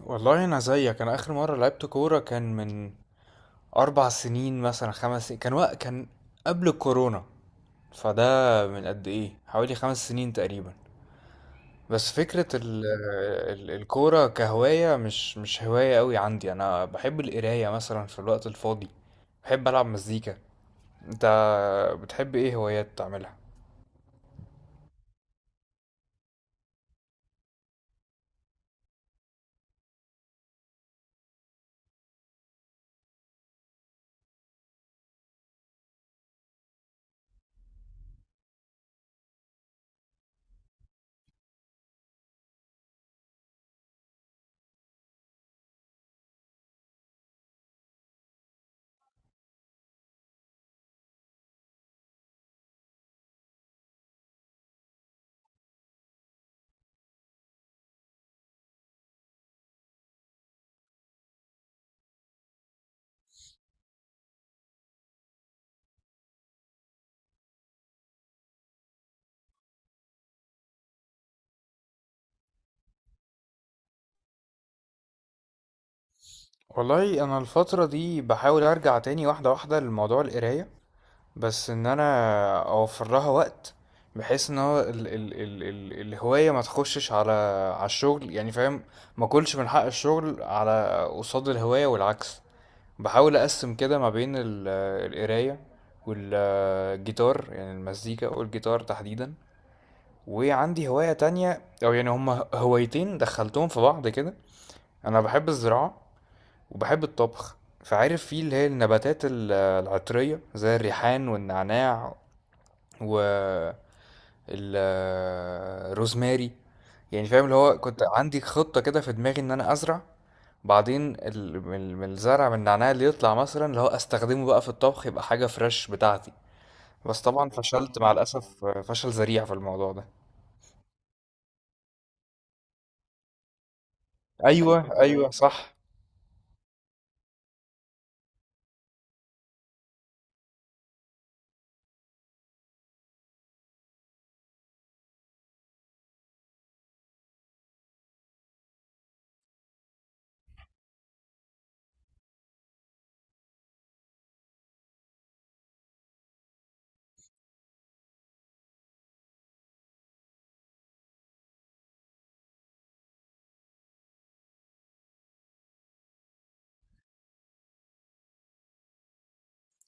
والله انا زيك، انا اخر مره لعبت كوره كان من 4 سنين مثلا، 5 سنين. كان قبل الكورونا. فده من قد ايه؟ حوالي 5 سنين تقريبا. بس فكره الكوره كهوايه، مش هوايه قوي عندي. انا بحب القرايه مثلا في الوقت الفاضي، بحب العب مزيكا. انت بتحب ايه هوايات تعملها؟ والله انا الفتره دي بحاول ارجع تاني واحده واحده لموضوع القرايه، بس ان انا اوفر لها وقت بحيث ان هو ال ال ال ال الهوايه ما تخشش على على الشغل، يعني فاهم. ما اكلش من حق الشغل على قصاد الهوايه والعكس. بحاول اقسم كده ما بين القرايه والجيتار، يعني المزيكا والجيتار تحديدا. وعندي هوايه تانية، او يعني هما هوايتين دخلتهم في بعض كده: انا بحب الزراعه وبحب الطبخ. فعارف في اللي هي النباتات العطرية زي الريحان والنعناع والروزماري، يعني فاهم اللي هو كنت عندي خطة كده في دماغي ان انا ازرع. بعدين من الزرع، من النعناع اللي يطلع مثلا، اللي هو استخدمه بقى في الطبخ يبقى حاجة فريش بتاعتي. بس طبعا فشلت مع الأسف فشل ذريع في الموضوع ده. ايوه ايوه صح.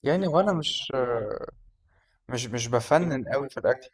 يعني وانا مش بفنن قوي في الاكل.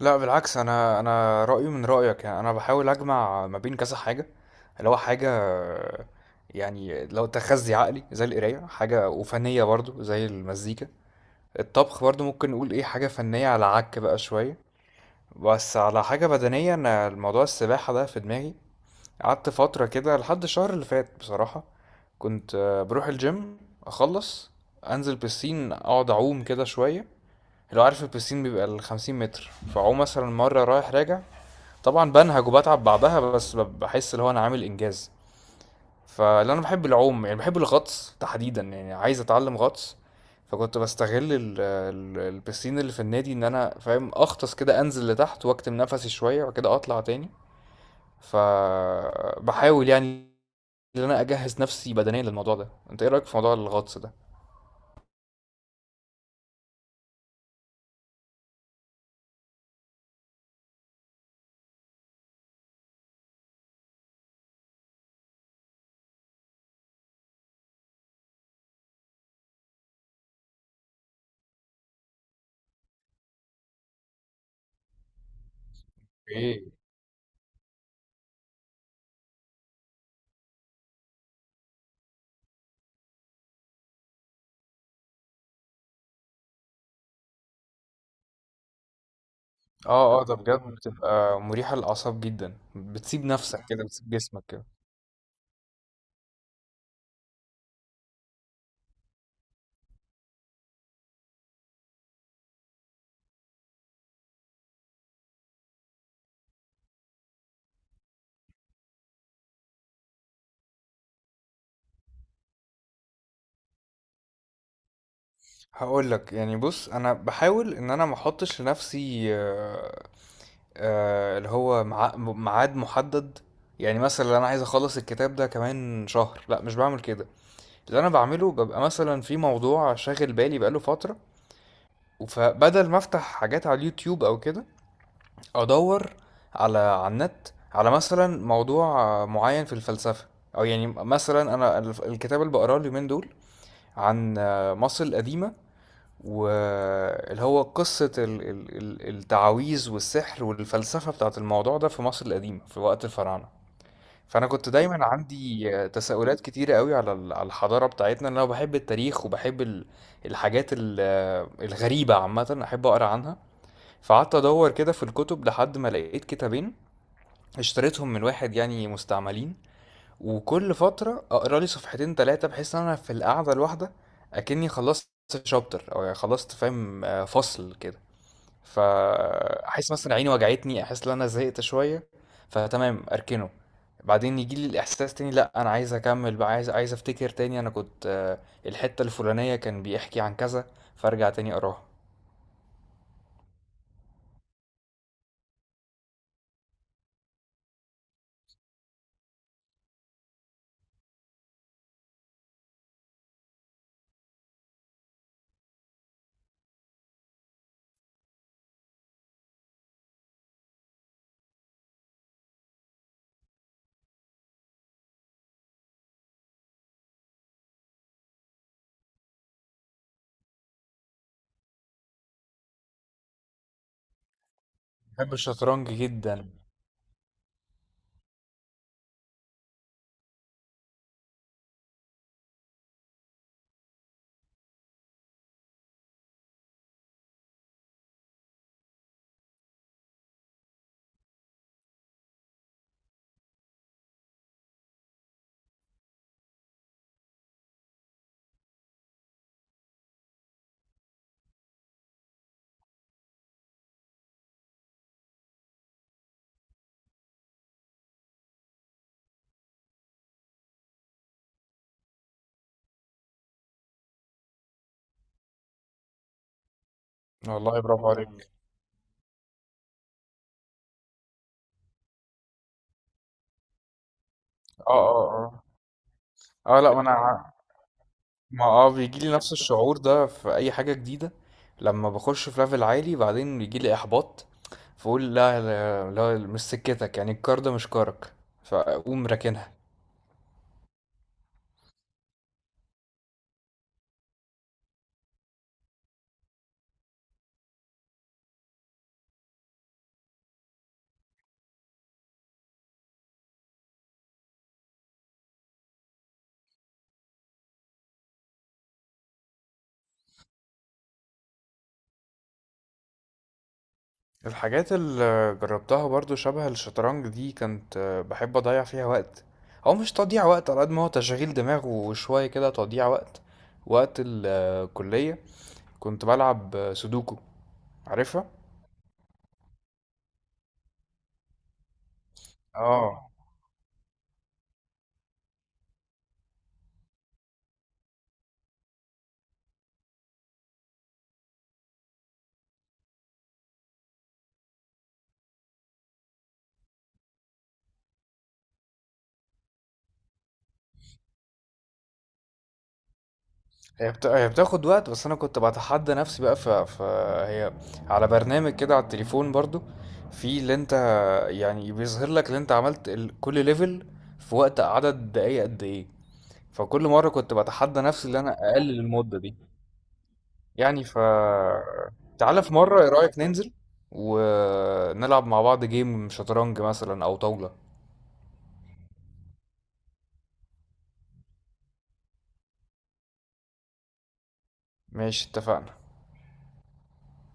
لا بالعكس، انا رايي من رايك. يعني انا بحاول اجمع ما بين كذا حاجه: اللي هو حاجه يعني لو تخزي عقلي زي القرايه، حاجه وفنيه برضو زي المزيكا، الطبخ برضو ممكن نقول ايه حاجه فنيه على عك بقى شويه. بس على حاجه بدنيه، انا الموضوع السباحه ده في دماغي. قعدت فتره كده لحد الشهر اللي فات بصراحه، كنت بروح الجيم، اخلص انزل بسين، اقعد اعوم كده شويه. لو عارف البسين بيبقى ال50 متر، فاعوم مثلا مرة رايح راجع. طبعًا بانهج وباتعب بعدها، بس باحس اللي هو أنا عامل إنجاز. فلأن أنا باحب العوم، يعني باحب الغطس تحديدًا، يعني عايز أتعلم غطس. فكنت باستغل ال ال البيسين اللي في النادي إن أنا فاهم أغطس كده، أنزل لتحت وأكتم نفسي شوية، وبعد كده أطلع تاني. فباحاول يعني إن أنا أجهز نفسي بدنيًا للموضوع ده. أنت إيه رأيك في موضوع الغطس ده؟ آه، آه، ده بجد بتبقى مريحة للأعصاب جدًا، بتسيب نفسك كده، بتسيب جسمك كده. هاقول لك، يعني بُص، أنا باحاول إن أنا ما احطّش لنفسي اللي هو مع ميعاد مُحدد. يعني مثلًا أنا عايز أخلّص الكتاب ده كمان شهر، لأ مش باعمل كده. اللي أنا باعمله بابقى مثلًا في موضوع شاغل بالي بقى له فترة، فبدل ما أفتح حاجات على اليوتيوب أو كده، أدوّر على النت على مثلًا موضوع معيّن في الفلسفة. أو يعني مثلًا أنا الف الكتاب اللي باقراه اليومين دول عن مصر القديمة، واللي هو قصة التعاويذ والسحر والفلسفة بتاعت الموضوع ده في مصر القديمة في وقت الفراعنة. فأنا كنت دايما عندي تساؤلات كتيرة قوي على الحضارة بتاعتنا، لأن أنا بحب التاريخ وبحب الحاجات الغريبة عامة، أحب أقرأ عنها. فقعدت أدور كده في الكتب لحد ما لقيت كتابين، اشتريتهم من واحد يعني مستعملين. وكل فترة اقرا لي صفحتين 3، بحيث ان انا في القعدة الواحدة اكني خلصت شابتر، او يعني خلصت فاهم فصل كده. فاحس مثلا عيني وجعتني، احس ان انا زهقت شوية، فتمام اركنه. بعدين يجي لي الاحساس تاني: لا انا عايز اكمل بقى، عايز افتكر تاني انا كنت الحتة الفلانية كان بيحكي عن كذا، فارجع تاني اقراها. بحب الشطرنج جدا. والله برافو عليك. اه اه. اه اه، لا ما انا ما اه بيجي لي نفس الشعور ده في اي حاجه جديده. لما بخش في ليفل عالي بعدين بيجي لي احباط، فاقول لا لا، لا مش سكتك، يعني الكار ده مش كارك، فاقوم راكنها. الحاجات اللي جربتها برضو شبه الشطرنج دي، كنت بحب اضيع فيها وقت. هو مش تضييع وقت على قد ما هو تشغيل دماغ وشويه كده تضييع وقت. وقت الكليه كنت بلعب سودوكو، عارفها؟ اه. هي بتاخد وقت، بس انا كنت بتحدى نفسي بقى. فهي على برنامج كده على التليفون برضو، في اللي انت يعني بيظهر لك اللي انت عملت كل ليفل في وقت، عدد دقايق قد ايه. فكل مرة كنت بتحدى نفسي اللي انا اقلل المدة دي. يعني ف، تعالى في مرة، ايه رأيك ننزل ونلعب مع بعض جيم شطرنج مثلا او طاولة؟ ماشي، اتفقنا.